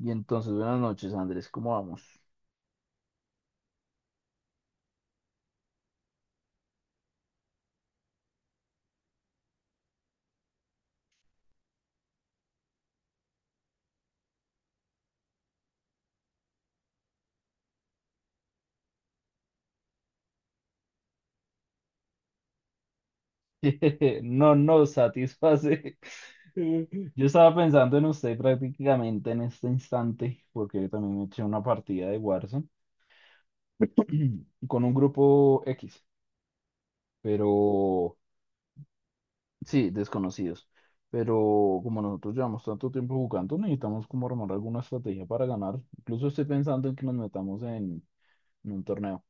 Y entonces, buenas noches, Andrés, ¿cómo vamos? No nos satisface. Yo estaba pensando en usted prácticamente en este instante, porque yo también me eché una partida de Warzone con un grupo X, pero sí, desconocidos. Pero como nosotros llevamos tanto tiempo jugando, necesitamos como armar alguna estrategia para ganar. Incluso estoy pensando en que nos metamos en, un torneo.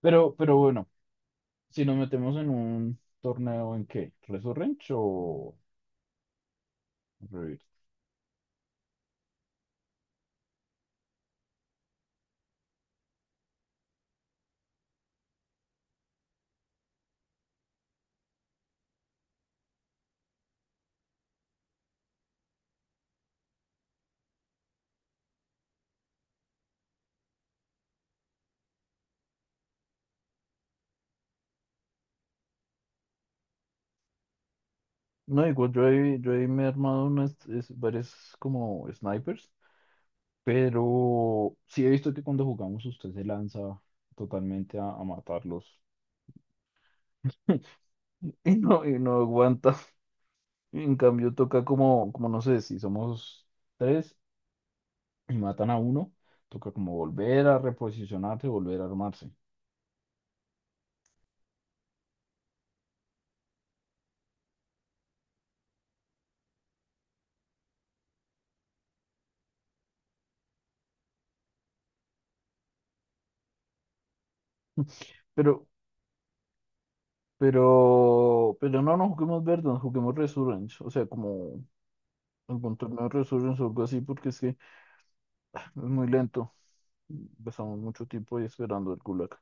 Pero bueno. Si nos metemos en un torneo en qué, Resurrench o Rebirth. No, digo, yo he me he armado varias como snipers, pero sí he visto que cuando jugamos usted se lanza totalmente a matarlos. Y no aguanta. Y en cambio toca como no sé, si somos tres y matan a uno, toca como volver a reposicionarse, volver a armarse. Pero, pero no juguemos Verdant, juguemos Resurrenge, o sea, como el buen torneo Resurgence o algo así, porque es que es muy lento. Pasamos mucho tiempo ahí esperando el Gulag.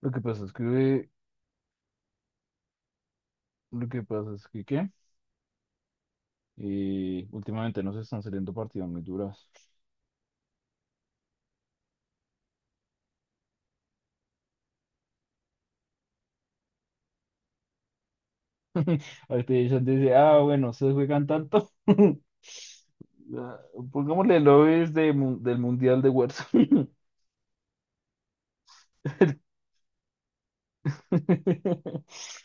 Lo que pasa es que, lo que pasa es que, ¿qué? Y últimamente nos están saliendo partidas muy duras. Activision dice, ah, bueno, ustedes juegan tanto. Ah, pongámosle lobbies de, del Mundial de Warzone.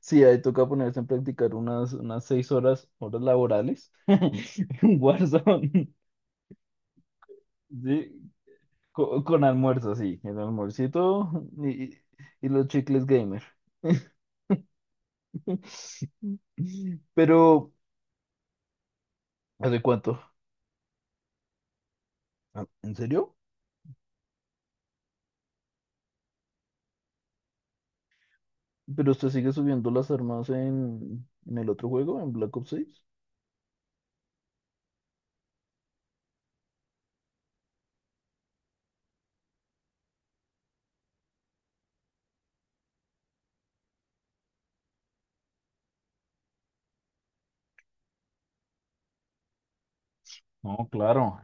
Sí, ahí toca ponerse en practicar unas 6 horas, horas laborales. en Warzone. Sí, Con almuerzo, sí, el almuercito y, y los chicles gamer. Pero, ¿hace cuánto? Ah, ¿En serio? ¿Pero usted sigue subiendo las armas en el otro juego, en Black Ops 6? No, claro,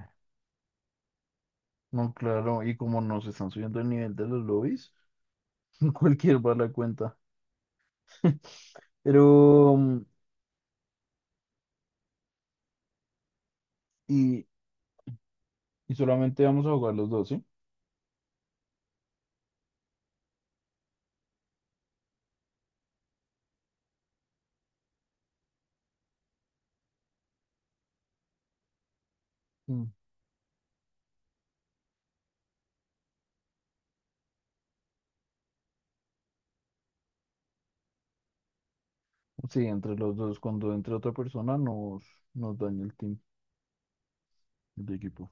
no, claro, y como nos están subiendo el nivel de los lobbies, cualquier bala cuenta. Pero, mm, y, y solamente vamos a jugar los dos, ¿sí? Mm. Sí, entre los dos, cuando entre otra persona nos, daña el team, el equipo.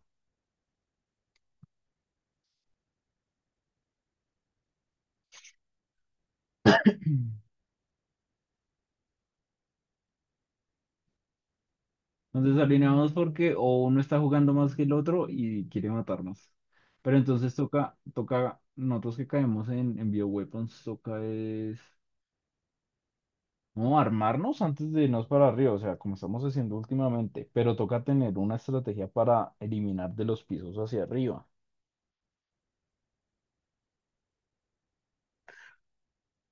Nos desalineamos porque o uno está jugando más que el otro y quiere matarnos. Pero entonces nosotros que caemos en bioweapons, toca es, no, armarnos antes de irnos para arriba, o sea, como estamos haciendo últimamente, pero toca tener una estrategia para eliminar de los pisos hacia arriba.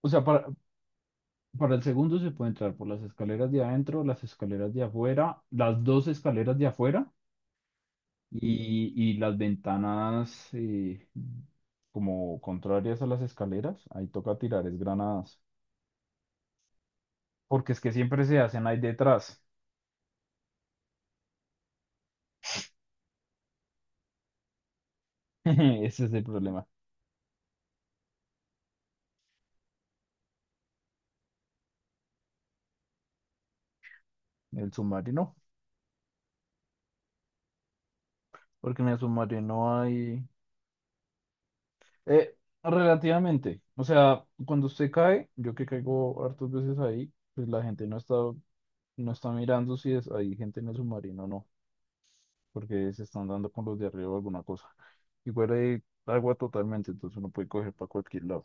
O sea, para el segundo se puede entrar por las escaleras de adentro, las escaleras de afuera, las dos escaleras de afuera. Y las ventanas como contrarias a las escaleras, ahí toca tirar es granadas. Porque es que siempre se hacen ahí detrás. Ese es el problema. El submarino. Porque en el submarino hay eh, relativamente. O sea, cuando usted cae, yo que caigo hartas veces ahí, pues la gente no está mirando si es, hay gente en el submarino o no. Porque se están dando con los de arriba o alguna cosa. Igual hay agua totalmente, entonces uno puede coger para cualquier lado.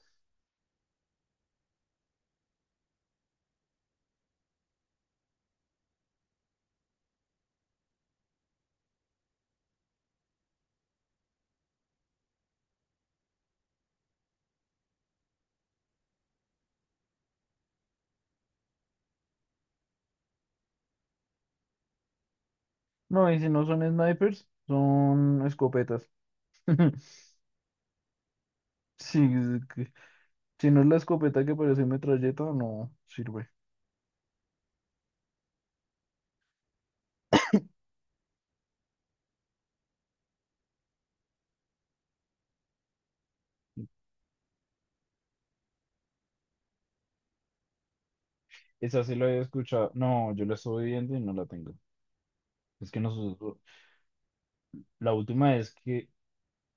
No, y si no son snipers, son escopetas. Sí, es que si no es la escopeta que parece metralleta, no sirve. Esa sí la había escuchado. No, yo la estoy viendo y no la tengo. Es que nosotros, la última vez que,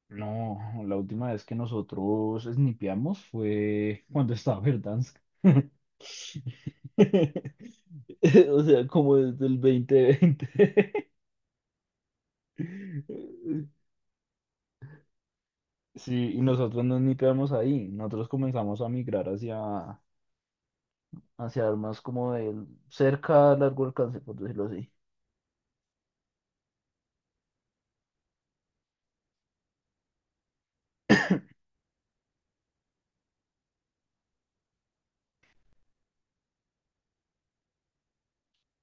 no, la última vez que nosotros snipeamos fue cuando estaba Verdansk. O sea, como desde el 2020. Sí, y nosotros no snipeamos ahí. Nosotros comenzamos a migrar hacia armas como de cerca a largo alcance, por decirlo así.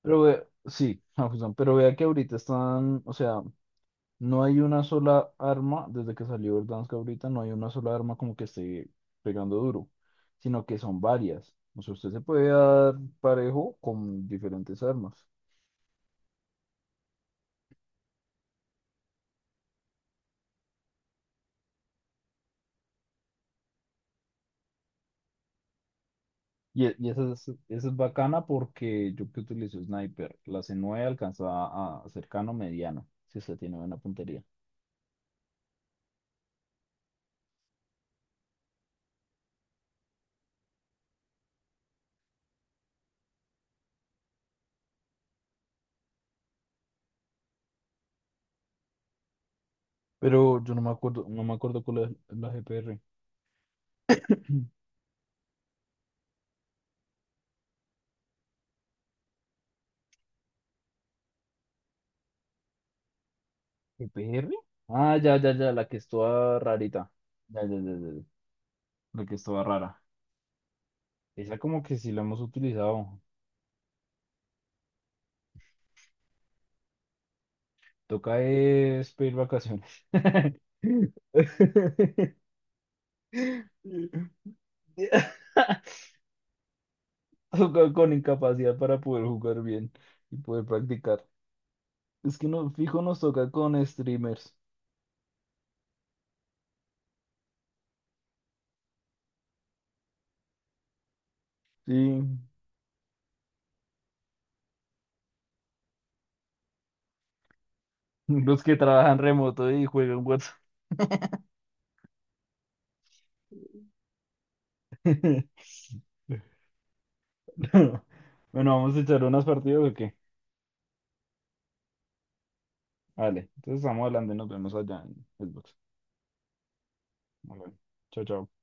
Pero sí, a fusión, pero vea que ahorita están, o sea, no hay una sola arma, desde que salió el Danske ahorita, no hay una sola arma como que esté pegando duro, sino que son varias. O sea, usted se puede dar parejo con diferentes armas. Y esa es bacana porque yo que utilizo sniper, la C9 alcanza a cercano mediano, si usted tiene buena puntería. Pero yo no me acuerdo cuál es la GPR. ¿EPR? Ah, ya, ya, ya, la que es toda rarita. Ya, ya, ya, ya, ya. La que es toda rara. Esa como que sí la hemos utilizado. Toca es pedir vacaciones. Toca con incapacidad para poder jugar bien y poder practicar. Es que no, fijo nos toca con streamers. Sí, los que trabajan remoto y juegan WhatsApp. Bueno, ¿vamos a echar unas partidas o qué? Vale, entonces estamos hablando y nos vemos allá en Xbox. Vale. Chao, chao.